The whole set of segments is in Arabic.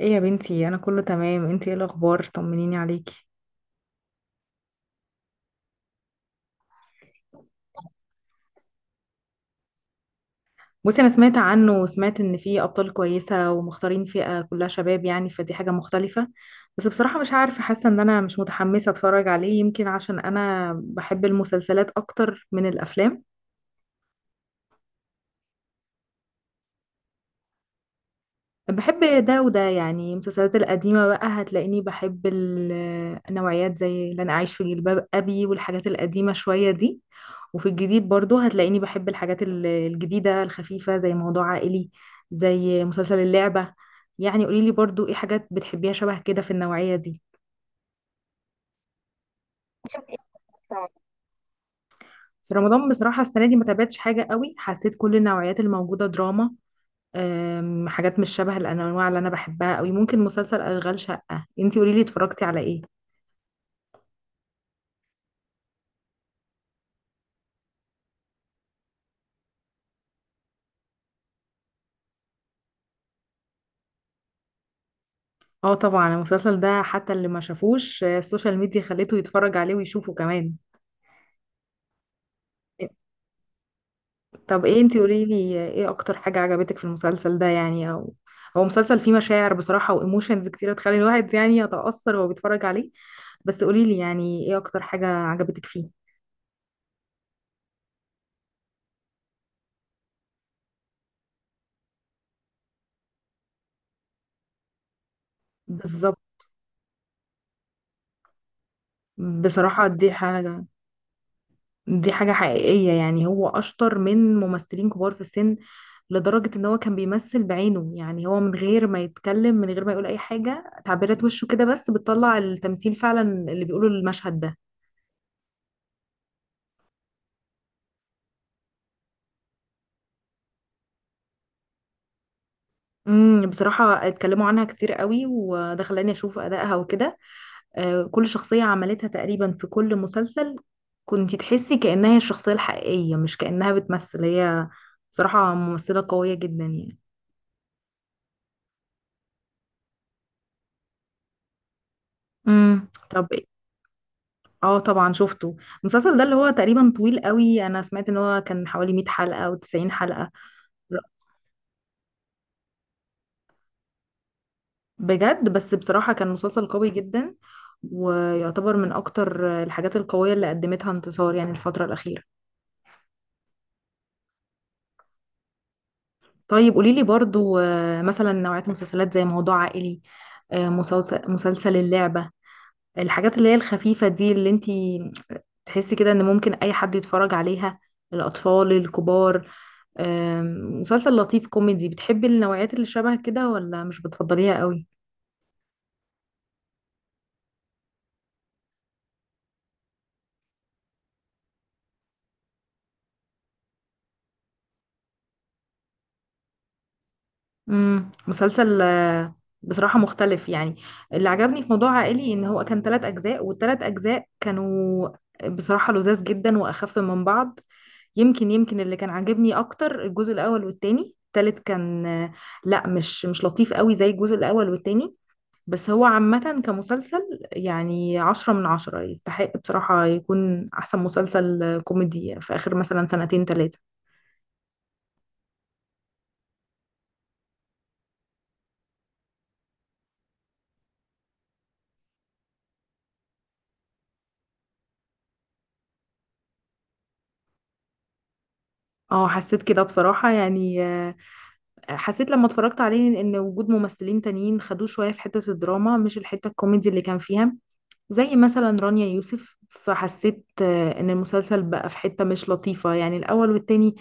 ايه يا بنتي، انا كله تمام. انتي ايه الاخبار؟ طمنيني عليكي. بصي، انا سمعت عنه وسمعت ان فيه ابطال كويسه ومختارين فئه كلها شباب، يعني فدي حاجه مختلفه. بس بصراحه مش عارفه، حاسه ان انا مش متحمسه اتفرج عليه، يمكن عشان انا بحب المسلسلات اكتر من الافلام. بحب ده وده. يعني المسلسلات القديمة بقى هتلاقيني بحب النوعيات، زي اللي أنا أعيش في جلباب أبي والحاجات القديمة شوية دي. وفي الجديد برضو هتلاقيني بحب الحاجات الجديدة الخفيفة، زي موضوع عائلي، زي مسلسل اللعبة. يعني قوليلي برضو، ايه حاجات بتحبيها شبه كده في النوعية دي؟ في رمضان بصراحة السنة دي ما تابعتش حاجة قوي، حسيت كل النوعيات الموجودة دراما. حاجات مش شبه الأنواع اللي أنا بحبها قوي. ممكن مسلسل أشغال شقة. انتي قوليلي، اتفرجتي على ايه؟ اه طبعا، المسلسل ده حتى اللي ما شافوش السوشيال ميديا خليته يتفرج عليه ويشوفه كمان. إيه. طب ايه، انتي قوليلي ايه اكتر حاجة عجبتك في المسلسل ده، يعني او هو مسلسل فيه مشاعر بصراحة، وايموشنز كتيرة تخلي الواحد يعني يتأثر وهو بيتفرج عليه. بس قوليلي يعني ايه اكتر حاجة عجبتك فيه؟ بالظبط. بصراحة دي حاجة، دي حاجة حقيقية. يعني هو أشطر من ممثلين كبار في السن، لدرجة إن هو كان بيمثل بعينه. يعني هو من غير ما يتكلم، من غير ما يقول أي حاجة، تعبيرات وشه كده بس بتطلع التمثيل فعلا اللي بيقوله المشهد ده. بصراحة اتكلموا عنها كتير قوي، وده خلاني أشوف أدائها وكده. كل شخصية عملتها تقريبا في كل مسلسل كنت تحسي كأنها هي الشخصية الحقيقية، مش كأنها بتمثل هي. بصراحة ممثلة قوية جدا يعني. طب. اه طبعا شفته. المسلسل ده اللي هو تقريبا طويل قوي، انا سمعت ان هو كان حوالي 100 حلقة او 90 حلقة. بجد. بس بصراحة كان مسلسل قوي جدا، ويعتبر من اكتر الحاجات القوية اللي قدمتها انتصار يعني الفترة الأخيرة. طيب قوليلي برضو مثلا نوعية مسلسلات زي موضوع عائلي، مسلسل اللعبة، الحاجات اللي هي الخفيفة دي، اللي انتي تحسي كده ان ممكن اي حد يتفرج عليها، الأطفال، الكبار. آم، مسلسل لطيف كوميدي، بتحبي النوعيات اللي شبه كده ولا مش بتفضليها قوي؟ مسلسل بصراحة مختلف يعني. اللي عجبني في موضوع عائلي ان هو كان 3 اجزاء، والثلاث اجزاء كانوا بصراحة لذاذ جدا واخف من بعض. يمكن اللي كان عاجبني اكتر الجزء الاول والتاني. التالت كان لا، مش لطيف قوي زي الجزء الاول والتاني. بس هو عامة كمسلسل يعني 10 من 10، يستحق بصراحة يكون أحسن مسلسل كوميدي في آخر مثلا سنتين تلاتة. اه حسيت كده بصراحة يعني. حسيت لما اتفرجت عليه إن وجود ممثلين تانيين خدوه شوية في حتة الدراما، مش الحتة الكوميدي اللي كان فيها، زي مثلا رانيا يوسف. فحسيت إن المسلسل بقى في حتة مش لطيفة. يعني الأول والتاني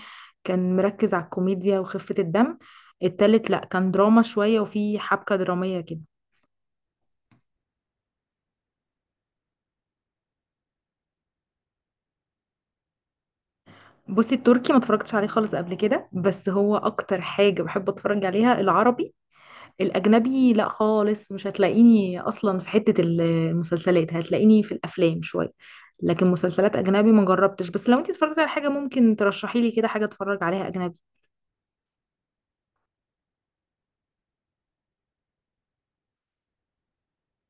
كان مركز على الكوميديا وخفة الدم. التالت لأ، كان دراما شوية وفي حبكة درامية كده. بصي، التركي ما اتفرجتش عليه خالص قبل كده، بس هو اكتر حاجة بحب اتفرج عليها العربي. الاجنبي لا خالص، مش هتلاقيني اصلا في حتة المسلسلات، هتلاقيني في الافلام شوية. لكن مسلسلات اجنبي ما جربتش، بس لو انت اتفرجتي على حاجة ممكن ترشحي لي كده حاجة اتفرج عليها اجنبي.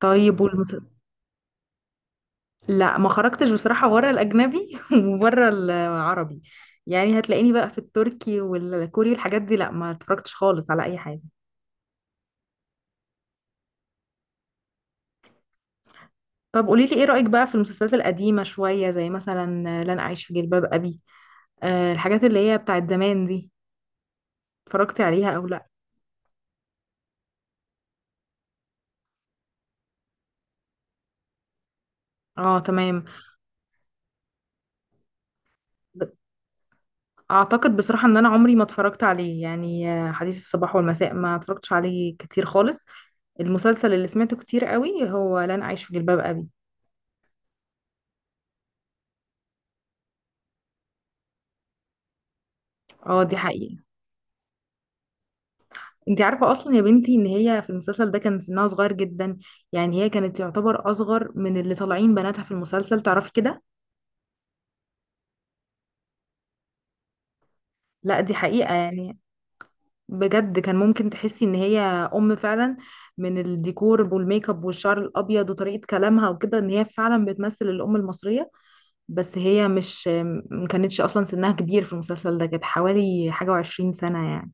طيب لا، ما خرجتش بصراحة بره الاجنبي وبره العربي. يعني هتلاقيني بقى في التركي والكوري والحاجات دي. لا ما اتفرجتش خالص على اي حاجة. طب قولي لي، ايه رأيك بقى في المسلسلات القديمة شوية، زي مثلا لن أعيش في جلباب أبي، الحاجات اللي هي بتاعت زمان دي، اتفرجتي عليها أو لأ؟ اه تمام. ب- اعتقد بصراحة ان انا عمري ما اتفرجت عليه، يعني حديث الصباح والمساء ما اتفرجتش عليه كتير خالص. المسلسل اللي سمعته كتير قوي هو لن أعيش في جلباب أبي. اه، دي حقيقة. انتي عارفة اصلا يا بنتي ان هي في المسلسل ده كان سنها صغير جدا؟ يعني هي كانت تعتبر اصغر من اللي طالعين بناتها في المسلسل، تعرفي كده. لا، دي حقيقة يعني. بجد، كان ممكن تحسي ان هي ام فعلا، من الديكور والميك اب والشعر الابيض وطريقه كلامها وكده، ان هي فعلا بتمثل الام المصريه. بس هي مش، ما كانتش اصلا سنها كبير في المسلسل ده، كانت حوالي 21 سنه يعني.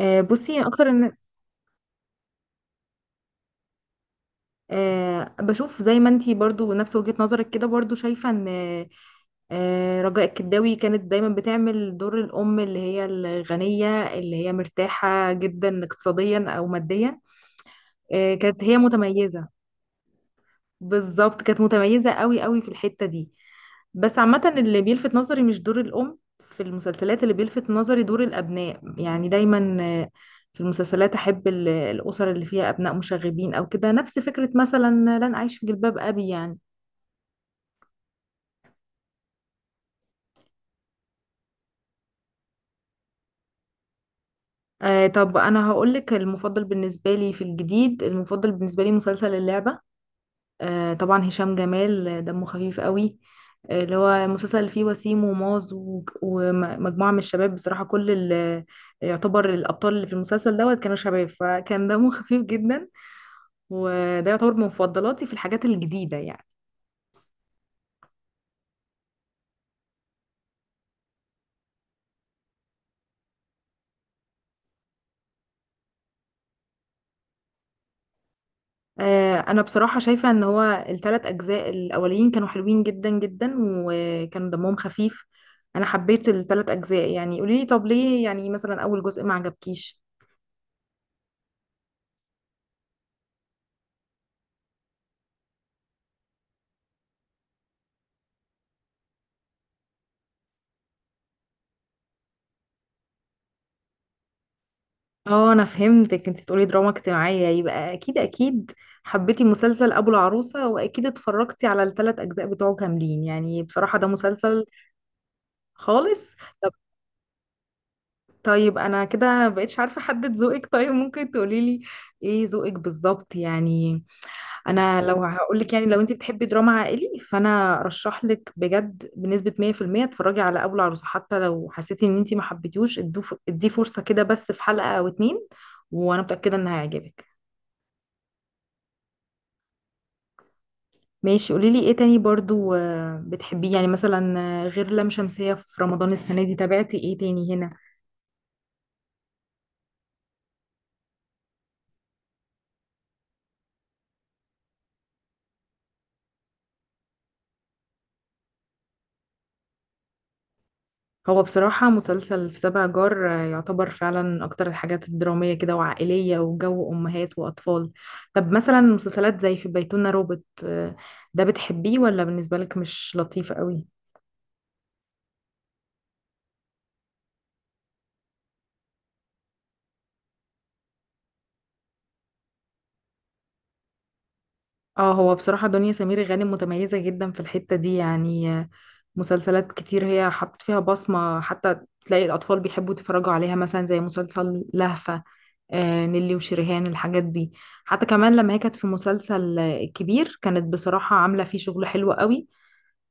بصي اكتر ان بشوف زي ما انتي برضو نفس وجهه نظرك كده، برضو شايفه ان رجاء الكداوي كانت دايما بتعمل دور الام، اللي هي الغنيه، اللي هي مرتاحه جدا اقتصاديا او ماديا. كانت هي متميزه. بالظبط، كانت متميزة قوي قوي في الحتة دي. بس عامة اللي بيلفت نظري مش دور الأم في المسلسلات، اللي بيلفت نظري دور الأبناء. يعني دايما في المسلسلات أحب الأسر اللي فيها أبناء مشاغبين أو كده، نفس فكرة مثلا لن أعيش في جلباب أبي يعني. طب أنا هقولك المفضل بالنسبة لي في الجديد، المفضل بالنسبة لي مسلسل اللعبة. طبعا هشام جمال دمه خفيف قوي. اللي هو مسلسل اللي فيه وسيم وماز ومجموعة من الشباب، بصراحة كل يعتبر الأبطال اللي في المسلسل دوت كانوا شباب، فكان دمه خفيف جدا. وده يعتبر من مفضلاتي في الحاجات الجديدة يعني. أنا بصراحة شايفة إن هو الـ3 أجزاء الأولين كانوا حلوين جدا جدا وكانوا دمهم خفيف. أنا حبيت الـ3 أجزاء. يعني قوليلي طب ليه يعني مثلا أول جزء ما عجبكيش؟ اه، انا فهمتك. انت تقولي دراما اجتماعية، يبقى اكيد اكيد حبيتي مسلسل ابو العروسة، واكيد اتفرجتي على الـ3 اجزاء بتوعه كاملين. يعني بصراحة ده مسلسل خالص. طب، طيب انا كده مبقتش عارفة احدد ذوقك. طيب ممكن تقوليلي ايه ذوقك بالظبط يعني؟ انا لو هقولك، يعني لو انت بتحبي دراما عائلي، فانا ارشح لك بجد بنسبة 100% اتفرجي على ابو العروسة. حتى لو حسيتي ان انت ما حبيتيهوش، اديه فرصة كده بس في حلقة او اتنين، وانا متأكدة ان هيعجبك. ماشي. قوليلي ايه تاني برضو بتحبيه، يعني مثلا، غير لام شمسية، في رمضان السنة دي تابعتي ايه تاني هنا؟ هو بصراحة مسلسل في سبع جار يعتبر فعلا اكتر الحاجات الدرامية كده وعائلية وجو امهات واطفال. طب مثلا مسلسلات زي في بيتنا روبوت ده بتحبيه ولا بالنسبة لك مش لطيف قوي؟ اه، هو بصراحة دنيا سمير غانم متميزة جدا في الحتة دي يعني. مسلسلات كتير هي حطت فيها بصمة، حتى تلاقي الأطفال بيحبوا يتفرجوا عليها، مثلا زي مسلسل لهفة، نيلي وشريهان، الحاجات دي. حتى كمان لما هي كانت في مسلسل الكبير، كانت بصراحة عاملة فيه شغل حلو قوي.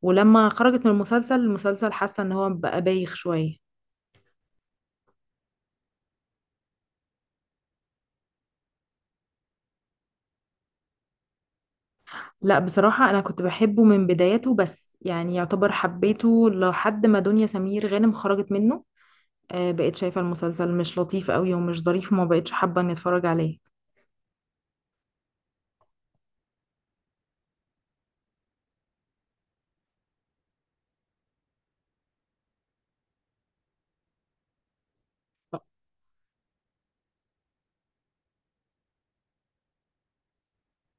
ولما خرجت من المسلسل، حاسة ان هو بقى بايخ شوية. لا، بصراحة انا كنت بحبه من بدايته، بس يعني يعتبر حبيته لحد ما دنيا سمير غانم خرجت منه. بقيت شايفة المسلسل مش لطيف قوي ومش ظريف، وما بقتش حابة اني اتفرج عليه.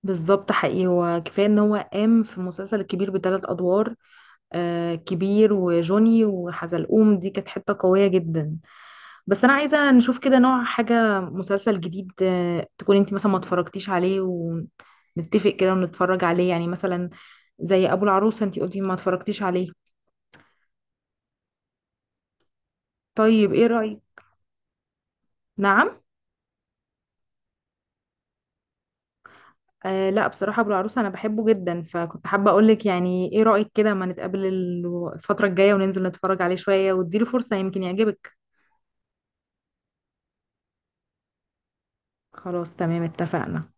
بالظبط، حقيقي. هو كفاية ان هو قام في المسلسل الكبير بـ3 ادوار، كبير وجوني وحزلقوم. دي كانت حتة قوية جدا. بس أنا عايزة نشوف كده نوع حاجة مسلسل جديد، تكون انت مثلا ما اتفرجتيش عليه، ونتفق كده ونتفرج عليه يعني، مثلا زي أبو العروسة. انت قلتي ما اتفرجتيش عليه. طيب ايه رأيك؟ نعم؟ لا، بصراحة أبو العروسة أنا بحبه جدا، فكنت حابة أقولك يعني ايه رأيك كده ما نتقابل الفترة الجاية وننزل نتفرج عليه شوية، واديله فرصة يمكن يعجبك. خلاص، تمام، اتفقنا.